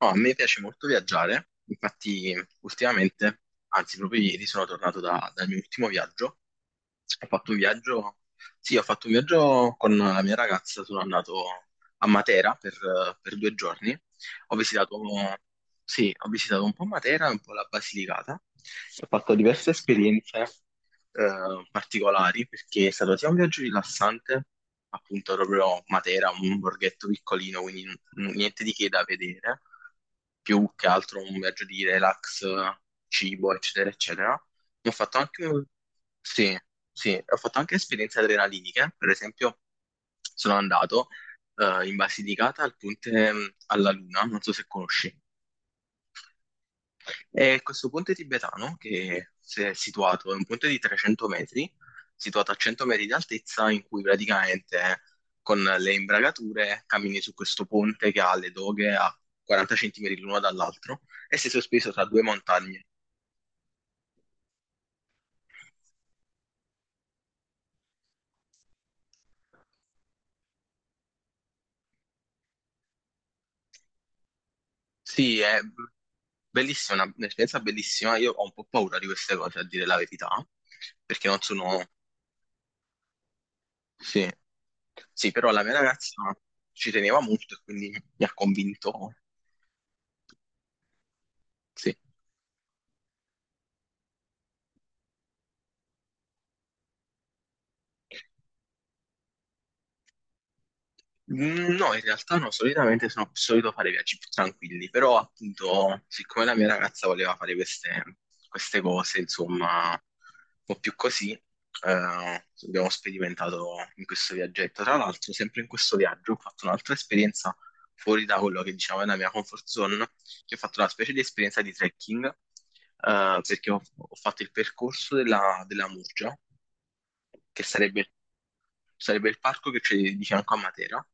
No, a me piace molto viaggiare, infatti ultimamente, anzi proprio ieri sono tornato dal mio ultimo viaggio, ho fatto un viaggio, sì, ho fatto un viaggio con la mia ragazza, sono andato a Matera per due giorni, ho visitato, sì, ho visitato un po' Matera e un po' la Basilicata, ho fatto diverse esperienze particolari perché è stato sia un viaggio rilassante, appunto proprio Matera, un borghetto piccolino, quindi niente di che da vedere, più che altro un viaggio di relax, cibo, eccetera, eccetera. Ho fatto anche, sì, sì, ho fatto anche esperienze adrenaliniche, per esempio sono andato in Basilicata al Ponte alla Luna, non so se conosci. E questo ponte tibetano, che si è situato, è un ponte di 300 metri, situato a 100 metri di altezza, in cui praticamente con le imbragature cammini su questo ponte che ha le doghe a 40 centimetri l'uno dall'altro e sei sospeso tra due montagne. Sì, è bellissima, un'esperienza bellissima. Io ho un po' paura di queste cose, a dire la verità, perché non sono... Sì, sì, però la mia ragazza ci teneva molto e quindi mi ha convinto, sì. No, in realtà no, solitamente sono solito fare viaggi più tranquilli, però appunto, siccome la mia ragazza voleva fare queste, queste cose, insomma, un po' più così, abbiamo sperimentato in questo viaggetto. Tra l'altro, sempre in questo viaggio ho fatto un'altra esperienza fuori da quello che diciamo è la mia comfort zone, che ho fatto una specie di esperienza di trekking, perché ho fatto il percorso della Murgia, che sarebbe, sarebbe il parco che c'è di fianco a Matera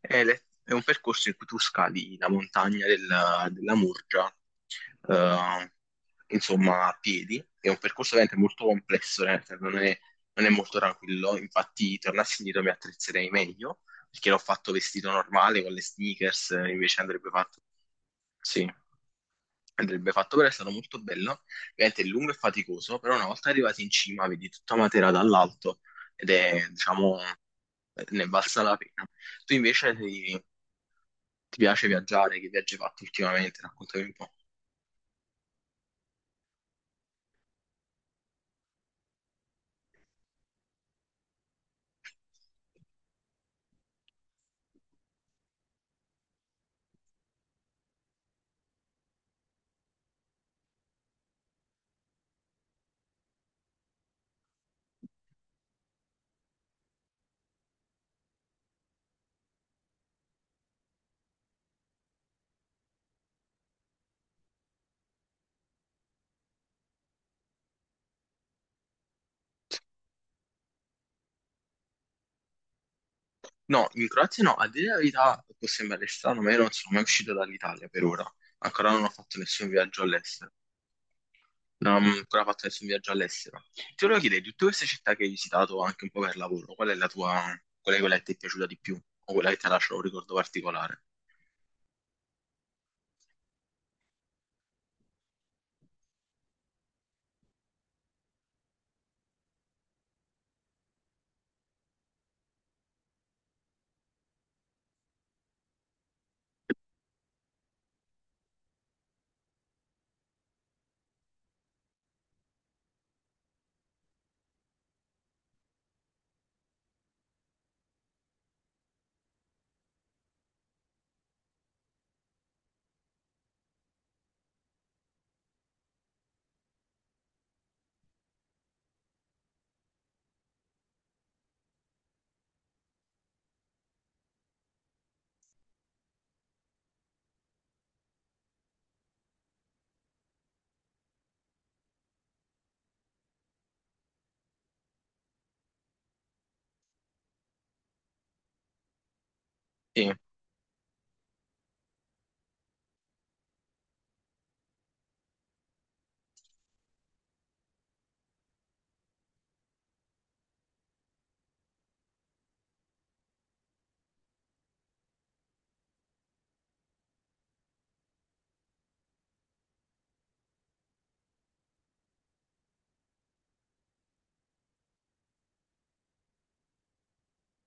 è, è un percorso in cui tu scali la montagna della Murgia, eh, insomma, a piedi. È un percorso veramente molto complesso, nel senso, non è molto tranquillo. Infatti, tornassi indietro mi attrezzerei meglio, perché l'ho fatto vestito normale con le sneakers, invece andrebbe fatto, sì, andrebbe fatto però è stato molto bello. Ovviamente è lungo e faticoso, però una volta arrivati in cima vedi tutta Matera dall'alto ed è, diciamo, ne valsa la pena. Tu invece sei Ti piace viaggiare? Che viaggi hai fatto ultimamente? Raccontami un po'. No, in Croazia no, a dire la verità può sembrare strano, ma io non sono mai uscito dall'Italia per ora. Ancora non ho fatto nessun viaggio all'estero. Non ho ancora fatto nessun viaggio all'estero. Ti volevo chiedere, di tutte queste città che hai visitato anche un po' per lavoro, qual è quella che ti è piaciuta di più? O quella che ti ha lasciato un ricordo particolare?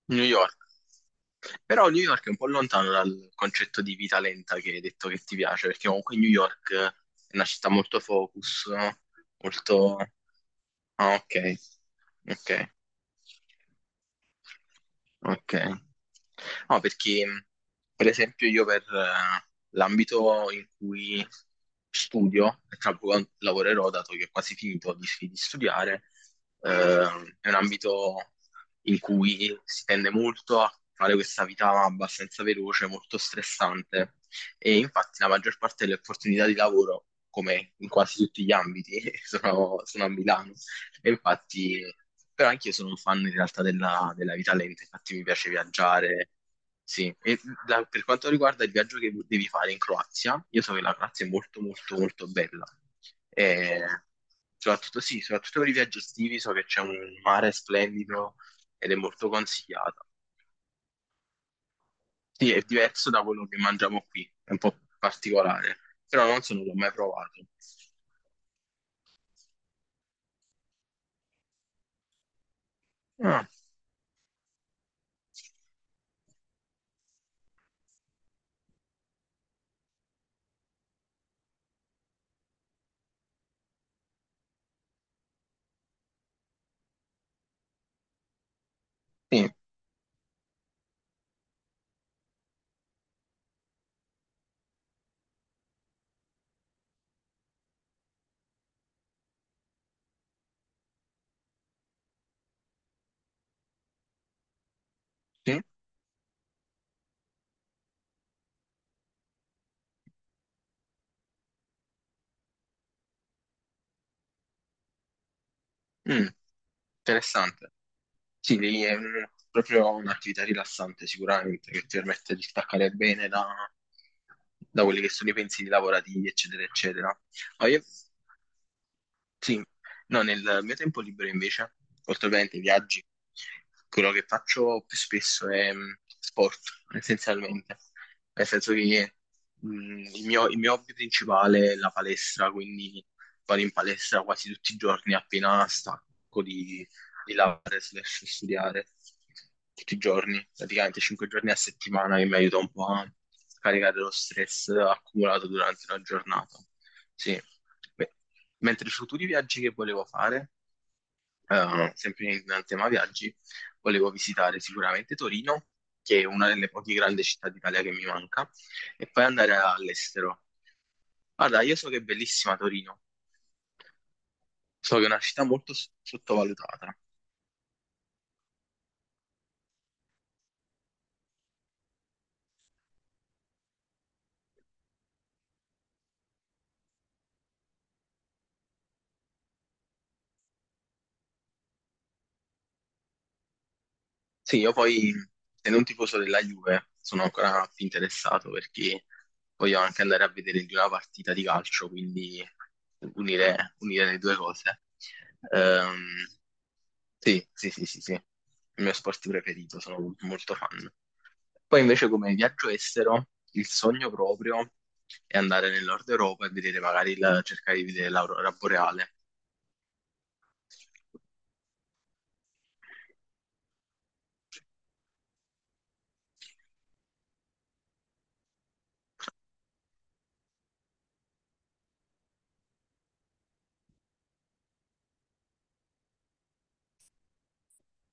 New York. Però New York è un po' lontano dal concetto di vita lenta che hai detto che ti piace, perché comunque New York è una città molto focus, no? Molto... Ah, ok, ok, ok. No, perché per esempio io per l'ambito in cui studio, e tra poco lavorerò, dato che ho quasi finito di studiare, è un ambito in cui si tende molto a fare questa vita abbastanza veloce, molto stressante e infatti la maggior parte delle opportunità di lavoro, come in quasi tutti gli ambiti, sono a Milano. E infatti, però anche io sono un fan in realtà della vita lenta, infatti mi piace viaggiare. Sì, e per quanto riguarda il viaggio che devi fare in Croazia, io so che la Croazia è molto molto molto bella. E soprattutto sì, soprattutto per i viaggi estivi so che c'è un mare splendido ed è molto consigliata. Sì, è diverso da quello che mangiamo qui, è un po' particolare, però non so, non l'ho mai provato. Ah, sì, sì. Mm. Interessante. Sì, lì è proprio un'attività rilassante sicuramente che ti permette di staccare bene da, da quelli che sono i pensieri lavorativi, eccetera, eccetera. Ma io sì, no, nel mio tempo libero invece, oltre ovviamente ai viaggi, quello che faccio più spesso è sport, essenzialmente. Nel senso che il mio hobby principale è la palestra, quindi vado in palestra quasi tutti i giorni appena stacco di lavorare slash studiare. Tutti i giorni, praticamente 5 giorni a settimana che mi aiuta un po' a scaricare lo stress accumulato durante la giornata. Sì. Beh, mentre i futuri viaggi che volevo fare, sempre in tema viaggi, volevo visitare sicuramente Torino, che è una delle poche grandi città d'Italia che mi manca, e poi andare all'estero. Guarda, io so che è bellissima Torino, so che è una città molto sottovalutata. Sì, io poi, essendo un tifoso della Juve, sono ancora più interessato perché voglio anche andare a vedere di una partita di calcio, quindi unire, unire le due cose. Ehm, sì, sì, sì, sì, sì, il mio sport preferito, sono molto fan. Poi invece come viaggio estero, il sogno proprio è andare nel nord Europa e vedere magari cercare di vedere l'aurora boreale.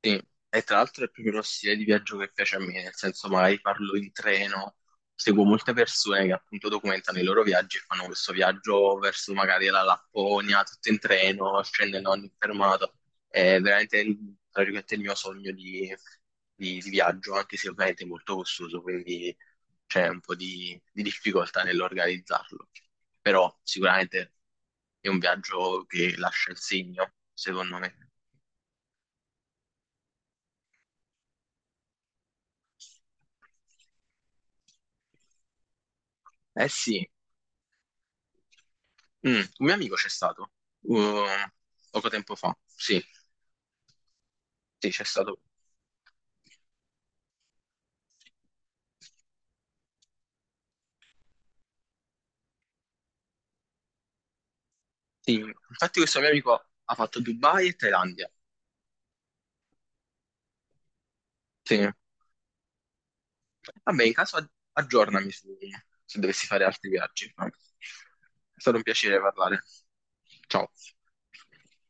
Sì, e tra l'altro è proprio uno stile di viaggio che piace a me, nel senso magari parlo in treno, seguo molte persone che appunto documentano i loro viaggi e fanno questo viaggio verso magari la Lapponia, tutto in treno, scendono a ogni fermata. È veramente tra virgolette, il mio sogno di viaggio, anche se ovviamente è molto costoso, quindi c'è un po' di difficoltà nell'organizzarlo. Però sicuramente è un viaggio che lascia il segno, secondo me. Eh sì, un mio amico c'è stato uh, poco tempo fa. Sì, sì, c'è stato. Sì. Infatti, questo mio amico ha fatto Dubai e Thailandia. Sì. Vabbè, in caso aggiornami su- se dovessi fare altri viaggi. È stato un piacere parlare. Ciao.